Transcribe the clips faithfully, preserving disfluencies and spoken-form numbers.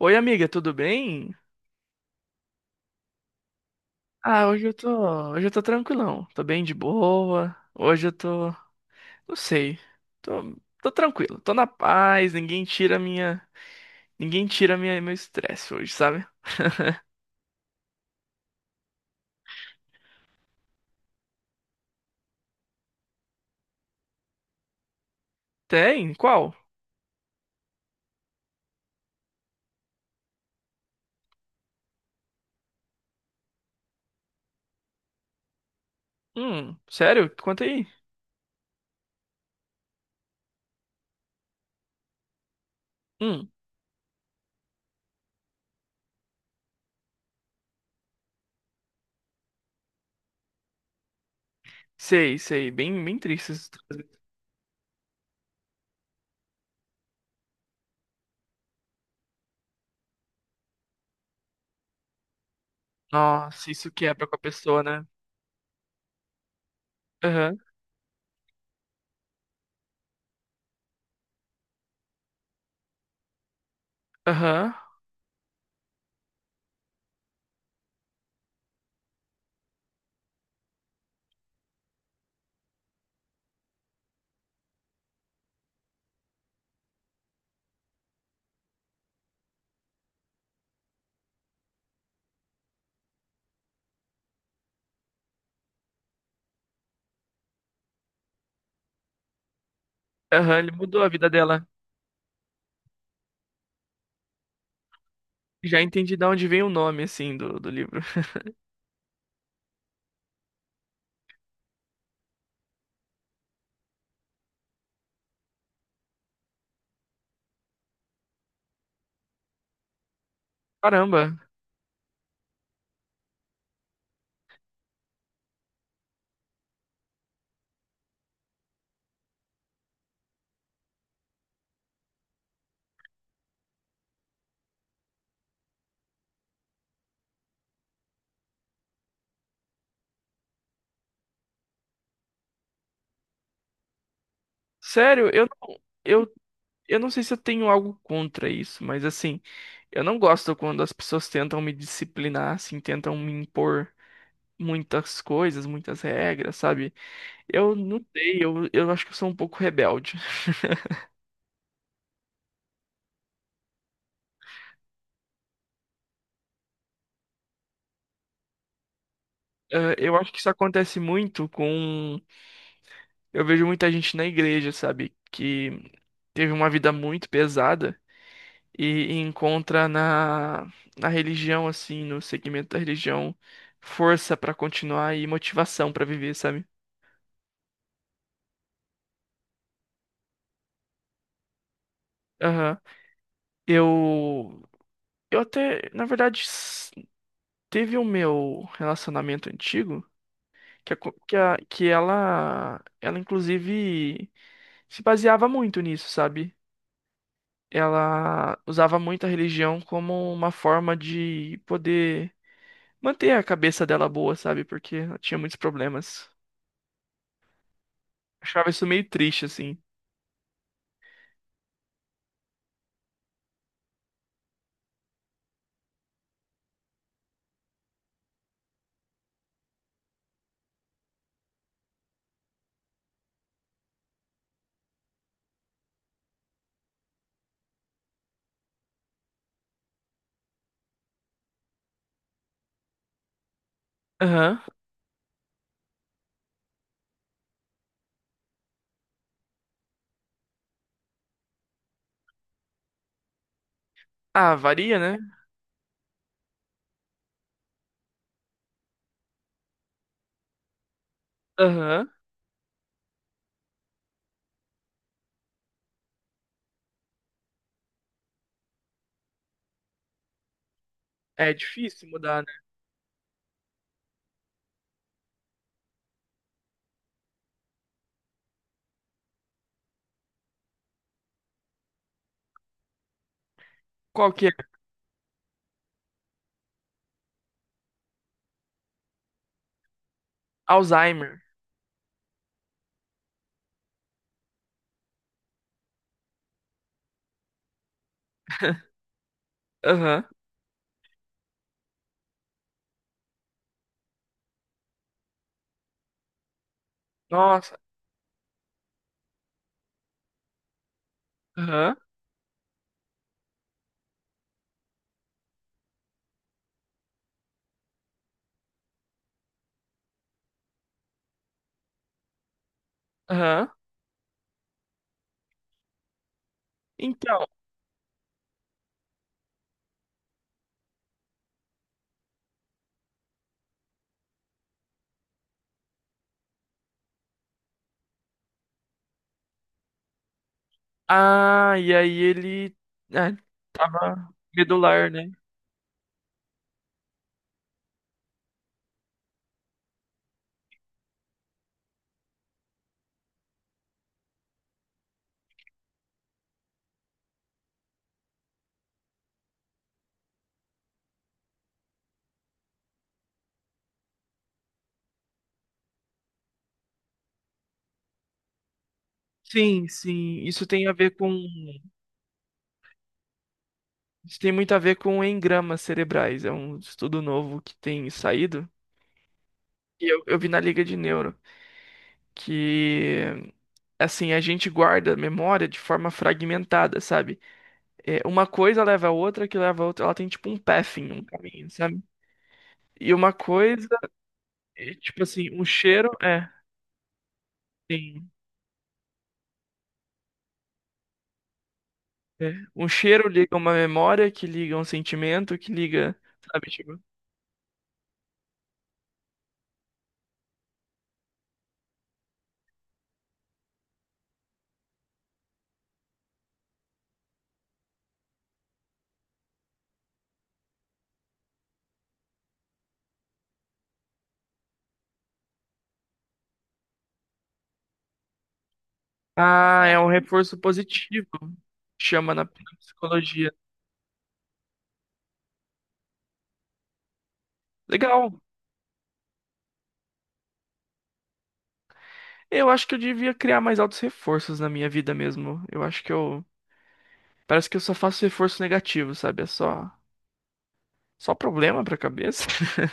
Oi, amiga, tudo bem? Ah, hoje eu tô, Hoje eu tô tranquilão, tô bem de boa. Hoje eu tô, não sei, tô, tô tranquilo, tô na paz, ninguém tira minha, ninguém tira minha, meu estresse hoje, sabe? Tem? Qual? Hum, sério? Conta aí. Hum, Sei, sei, bem, bem triste. Isso. Nossa, isso quebra com a pessoa, né? Aham, aham, aham, ele mudou a vida dela. Já entendi de onde vem o nome, assim, do, do livro. Caramba, sério, eu não. Eu Eu não sei se eu tenho algo contra isso, mas assim, eu não gosto quando as pessoas tentam me disciplinar, assim, tentam me impor muitas coisas, muitas regras, sabe? Eu não sei, eu, eu acho que eu sou um pouco rebelde. Eh, Eu acho que isso acontece muito com. Eu vejo muita gente na igreja, sabe? Que teve uma vida muito pesada e, e encontra na, na religião, assim, no segmento da religião, força pra continuar e motivação pra viver, sabe? Eu, eu até, na verdade, s- teve o meu relacionamento antigo, que, a co- que, a- que ela, ela inclusive se baseava muito nisso, sabe? Ela usava muito a religião como uma forma de poder manter a cabeça dela boa, sabe? Porque ela tinha muitos problemas. Achava isso meio triste, assim. Aham. Ah, varia, né? Aham. É difícil mudar, né? Qual que é? Alzheimer. Aham. Nossa. Aham. Aham. Então, ah, e aí ele, né, tava medular, né? Sim, sim, isso tem a ver com, isso tem muito a ver com engramas cerebrais, é um estudo novo que tem saído, e eu, eu vi na Liga de Neuro, que, assim, a gente guarda a memória de forma fragmentada, sabe? É, uma coisa leva a outra, que leva a outra, ela tem tipo um pathing, um caminho, sabe? E uma coisa, é, tipo assim, um cheiro, é, sim, é. Um cheiro liga uma memória, que liga um sentimento, que liga, sabe, tipo... Ah, é um reforço positivo, chama na psicologia. Legal. Eu acho que eu devia criar mais altos reforços na minha vida mesmo. Eu acho que eu... Parece que eu só faço reforço negativo, sabe? É só, só problema pra cabeça.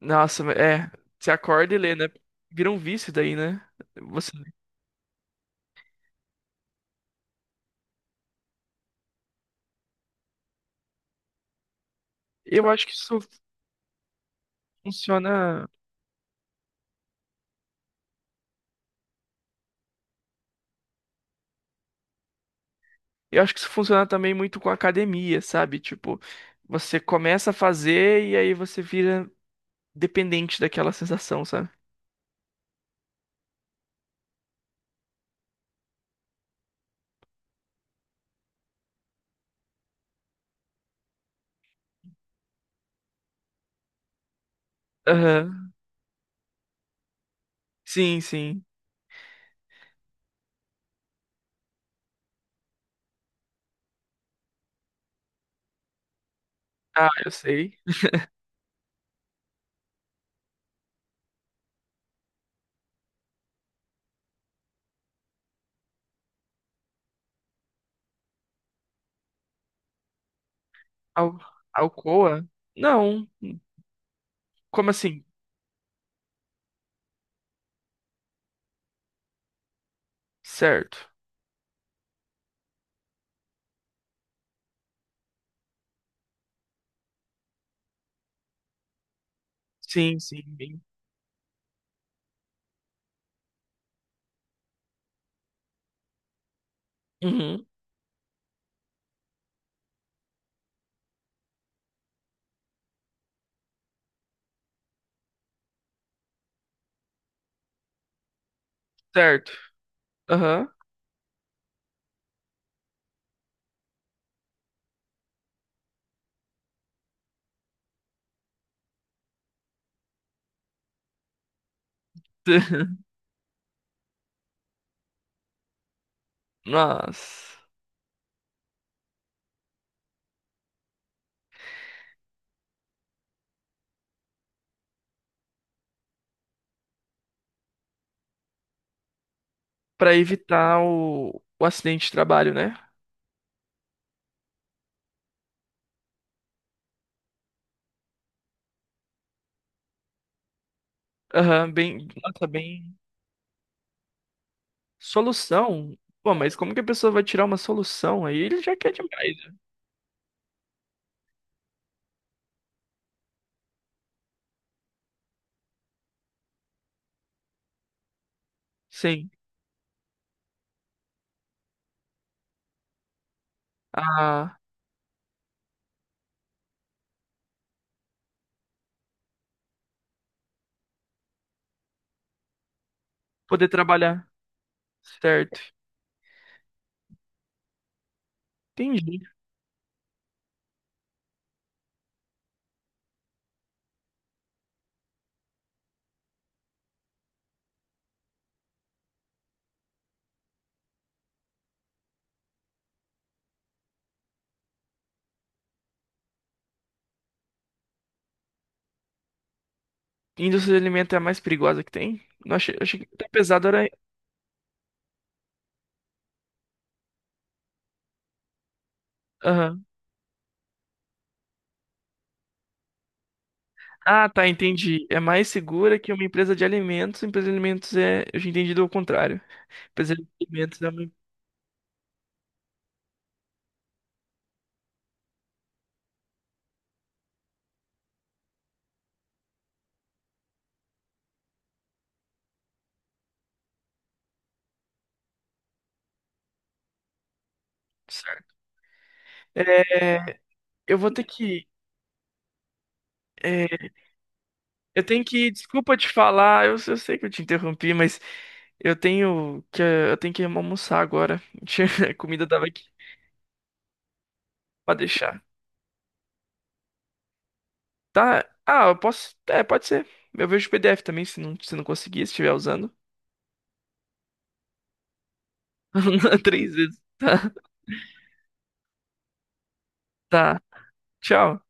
Nossa, é... Você acorda e lê, né? Vira um vício daí, né? Você... Eu acho que isso funciona... Eu acho que isso funciona também muito com academia, sabe? Tipo, você começa a fazer e aí você vira dependente daquela sensação, sabe? Aham. Sim, sim. Ah, eu sei. Al Alcoa? Não. Como assim? Certo. Sim, sim. Bem... Uhum. Certo. Aham. Nossa. Pra evitar o, o acidente de trabalho, né? Aham, bem. Nossa, bem. Solução? Pô, mas como que a pessoa vai tirar uma solução? Aí ele já quer demais, né? Sim. A poder trabalhar. Certo. Entendi. Indústria de alimentar é a mais perigosa que tem? Não achei, achei que até pesado era. Aham. Ah, tá, entendi. É mais segura que uma empresa de alimentos. Empresa de alimentos é. Eu tinha entendido o contrário. Empresa de alimentos é uma. Certo. É, eu vou ter que. É, eu tenho que. Desculpa te falar, eu, eu sei que eu te interrompi, mas eu tenho que, eu tenho que almoçar agora. A comida tava aqui pra deixar. Tá. Ah, eu posso. É, pode ser. Eu vejo o P D F também, se não, se não conseguir, se estiver usando. Três vezes. Tá. Tá. Tchau.